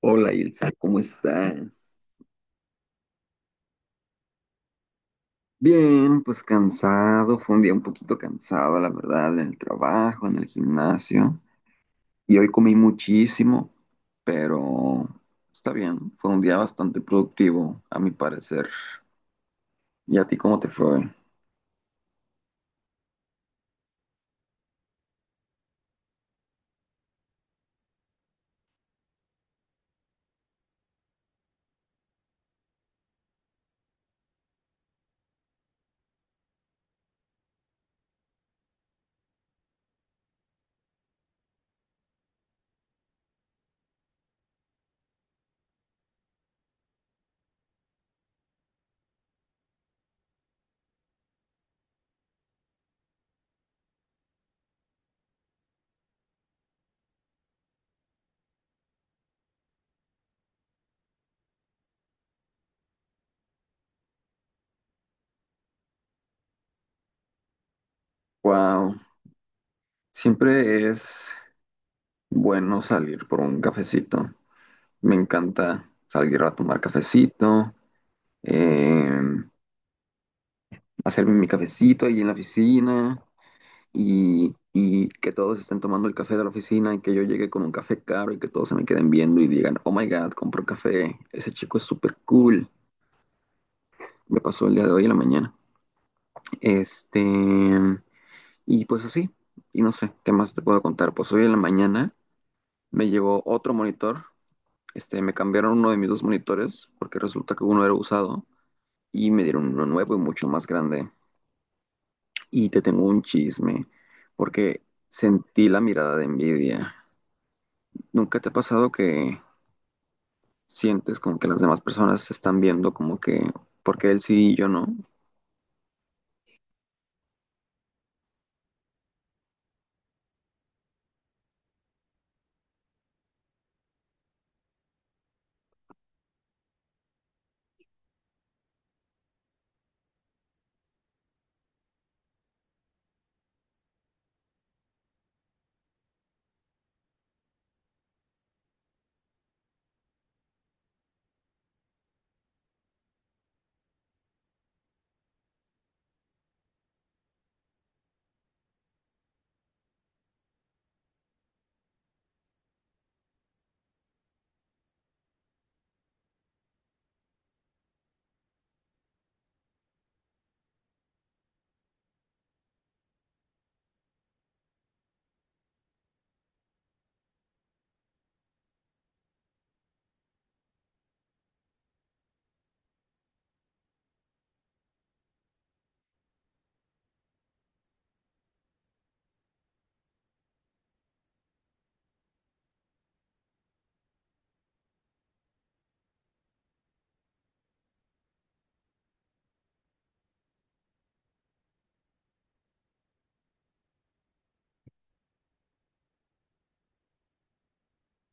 Hola, Ilsa, ¿cómo estás? Bien, pues cansado, fue un día un poquito cansado, la verdad, en el trabajo, en el gimnasio. Y hoy comí muchísimo, pero está bien, fue un día bastante productivo, a mi parecer. ¿Y a ti cómo te fue? Wow, siempre es bueno salir por un cafecito. Me encanta salir a tomar cafecito, eh, hacerme mi cafecito ahí en la oficina. Y que todos estén tomando el café de la oficina y que yo llegue con un café caro y que todos se me queden viendo y digan, oh my God, compró café, ese chico es súper cool. Me pasó el día de hoy en la mañana. Este, y pues así, y no sé, ¿qué más te puedo contar? Pues hoy en la mañana me llegó otro monitor, este, me cambiaron uno de mis dos monitores porque resulta que uno era usado y me dieron uno nuevo y mucho más grande. Y te tengo un chisme porque sentí la mirada de envidia. ¿Nunca te ha pasado que sientes como que las demás personas se están viendo como que, porque él sí y yo no?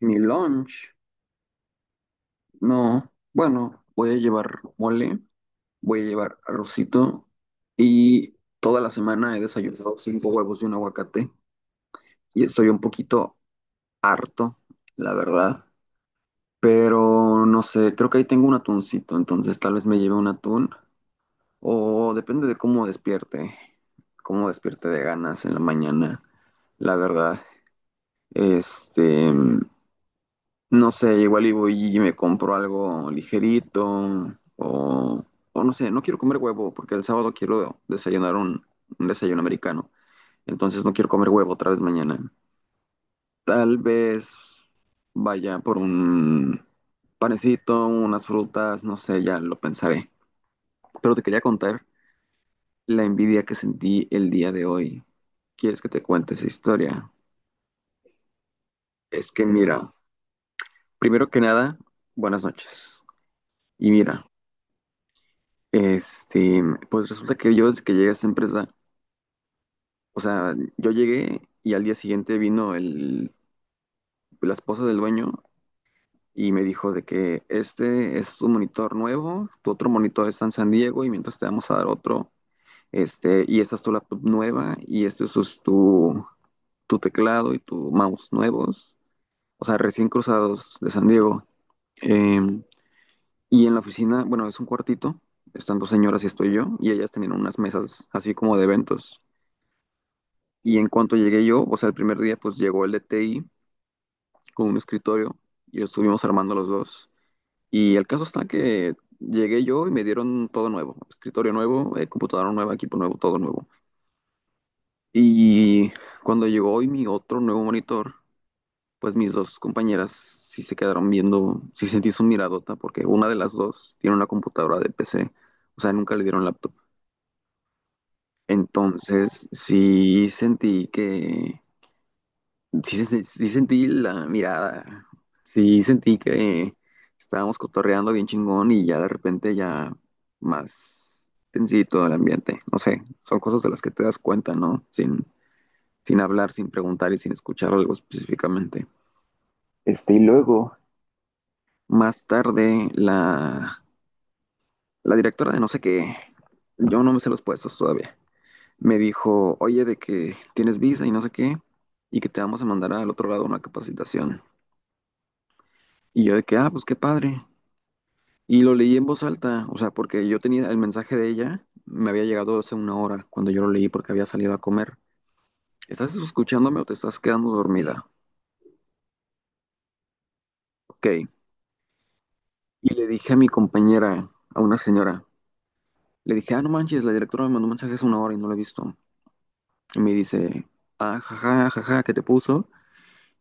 Mi lunch, no. Bueno, voy a llevar mole, voy a llevar arrocito y toda la semana he desayunado cinco huevos y un aguacate y estoy un poquito harto, la verdad. Pero no sé, creo que ahí tengo un atuncito, entonces tal vez me lleve un atún. O depende de cómo despierte de ganas en la mañana, la verdad. Este, no sé, igual y voy y me compro algo ligerito o, o no sé, no quiero comer huevo porque el sábado quiero desayunar un desayuno americano. Entonces no quiero comer huevo otra vez mañana. Tal vez vaya por un panecito, unas frutas, no sé, ya lo pensaré. Pero te quería contar la envidia que sentí el día de hoy. ¿Quieres que te cuente esa historia? Es que mira, primero que nada, buenas noches. Y mira, este, pues resulta que yo desde que llegué a esta empresa, o sea, yo llegué y al día siguiente vino la esposa del dueño y me dijo de que este es tu monitor nuevo, tu otro monitor está en San Diego y mientras te vamos a dar otro, este, y esta es tu laptop nueva y este es tu, tu teclado y tu mouse nuevos, o sea, recién cruzados de San Diego. Em, y en la oficina, bueno, es un cuartito, están dos señoras y estoy yo, y ellas tenían unas mesas así como de eventos. Y en cuanto llegué yo, o sea, el primer día, pues llegó el DTI con un escritorio y lo estuvimos armando los dos. Y el caso está que llegué yo y me dieron todo nuevo, escritorio nuevo, computadora nueva, equipo nuevo, todo nuevo. Y cuando llegó hoy mi otro nuevo monitor, pues mis dos compañeras sí se quedaron viendo, sí sentí su miradota, porque una de las dos tiene una computadora de PC, o sea, nunca le dieron laptop. Entonces, sí sentí que, sí, sí sentí la mirada, sí sentí que estábamos cotorreando bien chingón y ya de repente ya más tensito el ambiente, no sé, son cosas de las que te das cuenta, ¿no? Sin hablar, sin preguntar y sin escuchar algo específicamente. Este, y luego. Más tarde, la directora de no sé qué, yo no me sé los puestos todavía, me dijo, oye, de que tienes visa y no sé qué, y que te vamos a mandar al otro lado a una capacitación. Y yo de que, ah, pues qué padre. Y lo leí en voz alta, o sea, porque yo tenía el mensaje de ella, me había llegado hace una hora cuando yo lo leí porque había salido a comer. ¿Estás escuchándome o te estás quedando dormida? Ok. Y le dije a mi compañera, a una señora, le dije, ah, no manches, la directora me mandó un mensaje hace una hora y no lo he visto. Y me dice, ah, jaja, jaja, ¿qué te puso?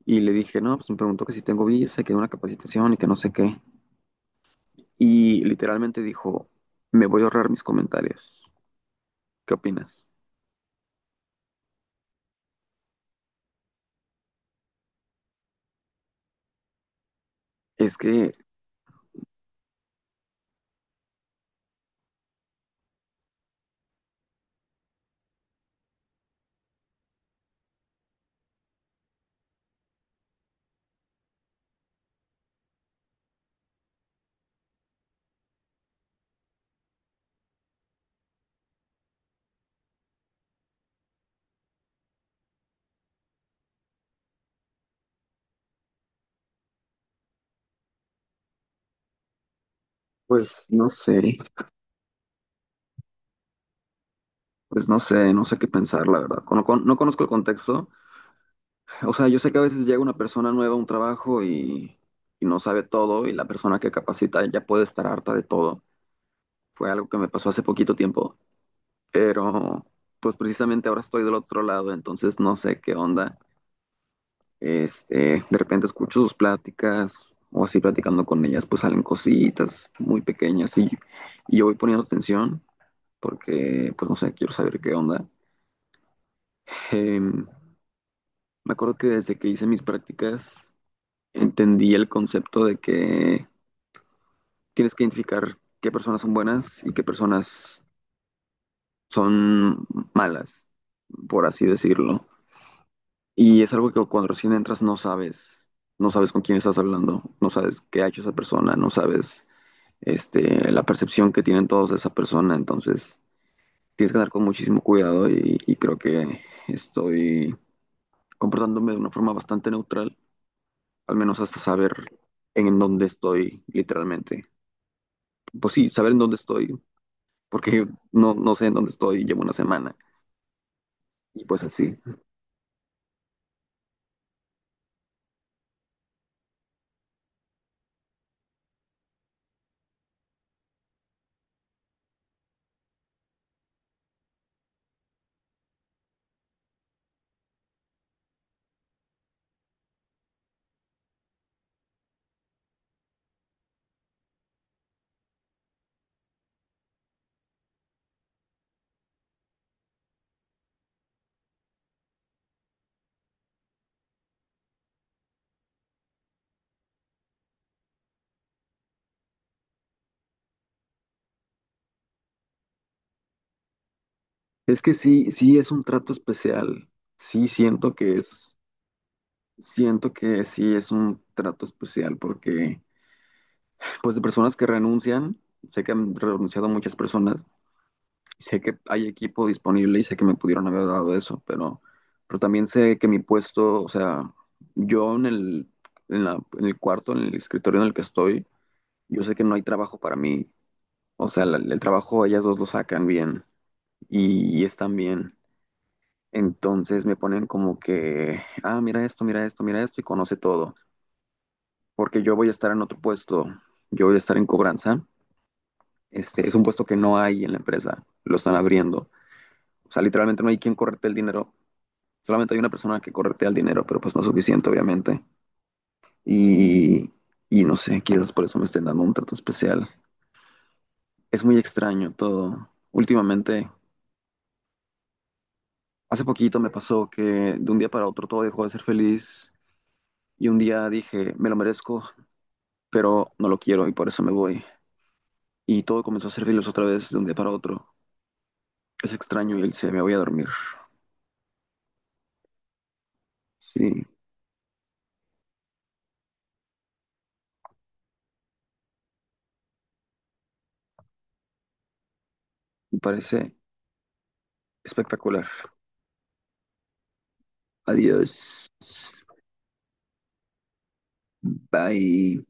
Y le dije, no, pues me preguntó que si tengo visa, que una capacitación y que no sé qué. Y literalmente dijo, me voy a ahorrar mis comentarios. ¿Qué opinas? Es que, pues no sé, pues no sé, no sé qué pensar, la verdad. No conozco el contexto. O sea, yo sé que a veces llega una persona nueva a un trabajo y no sabe todo y la persona que capacita ya puede estar harta de todo. Fue algo que me pasó hace poquito tiempo, pero pues precisamente ahora estoy del otro lado, entonces no sé qué onda. Este, de repente escucho sus pláticas o así platicando con ellas, pues salen cositas muy pequeñas y yo voy poniendo atención porque pues no sé, quiero saber qué onda. Em, Me acuerdo que desde que hice mis prácticas entendí el concepto de que tienes que identificar qué personas son buenas y qué personas son malas, por así decirlo. Y es algo que cuando recién entras no sabes, no sabes con quién estás hablando, no sabes qué ha hecho esa persona, no sabes, este, la percepción que tienen todos de esa persona, entonces tienes que andar con muchísimo cuidado y creo que estoy comportándome de una forma bastante neutral, al menos hasta saber en dónde estoy literalmente. Pues sí, saber en dónde estoy, porque no, no sé en dónde estoy, llevo una semana y pues así. Es que sí, sí es un trato especial, sí siento que es. Siento que sí es un trato especial porque, pues, de personas que renuncian, sé que han renunciado muchas personas, sé que hay equipo disponible y sé que me pudieron haber dado eso, pero también sé que mi puesto, o sea, yo en en en el cuarto, en el escritorio en el que estoy, yo sé que no hay trabajo para mí, o sea, el trabajo ellas dos lo sacan bien y están bien. Entonces me ponen como que, ah, mira esto, mira esto, mira esto y conoce todo. Porque yo voy a estar en otro puesto, yo voy a estar en cobranza. Este, es un puesto que no hay en la empresa, lo están abriendo. O sea, literalmente no hay quien correte el dinero, solamente hay una persona que corretea el dinero, pero pues no es suficiente, obviamente. Y, y no sé, quizás por eso me estén dando un trato especial. Es muy extraño todo. Últimamente, hace poquito me pasó que de un día para otro todo dejó de ser feliz y un día dije, me lo merezco, pero no lo quiero y por eso me voy. Y todo comenzó a ser feliz otra vez de un día para otro. Es extraño y él se me voy a dormir. Sí, me parece espectacular. Adiós. Bye.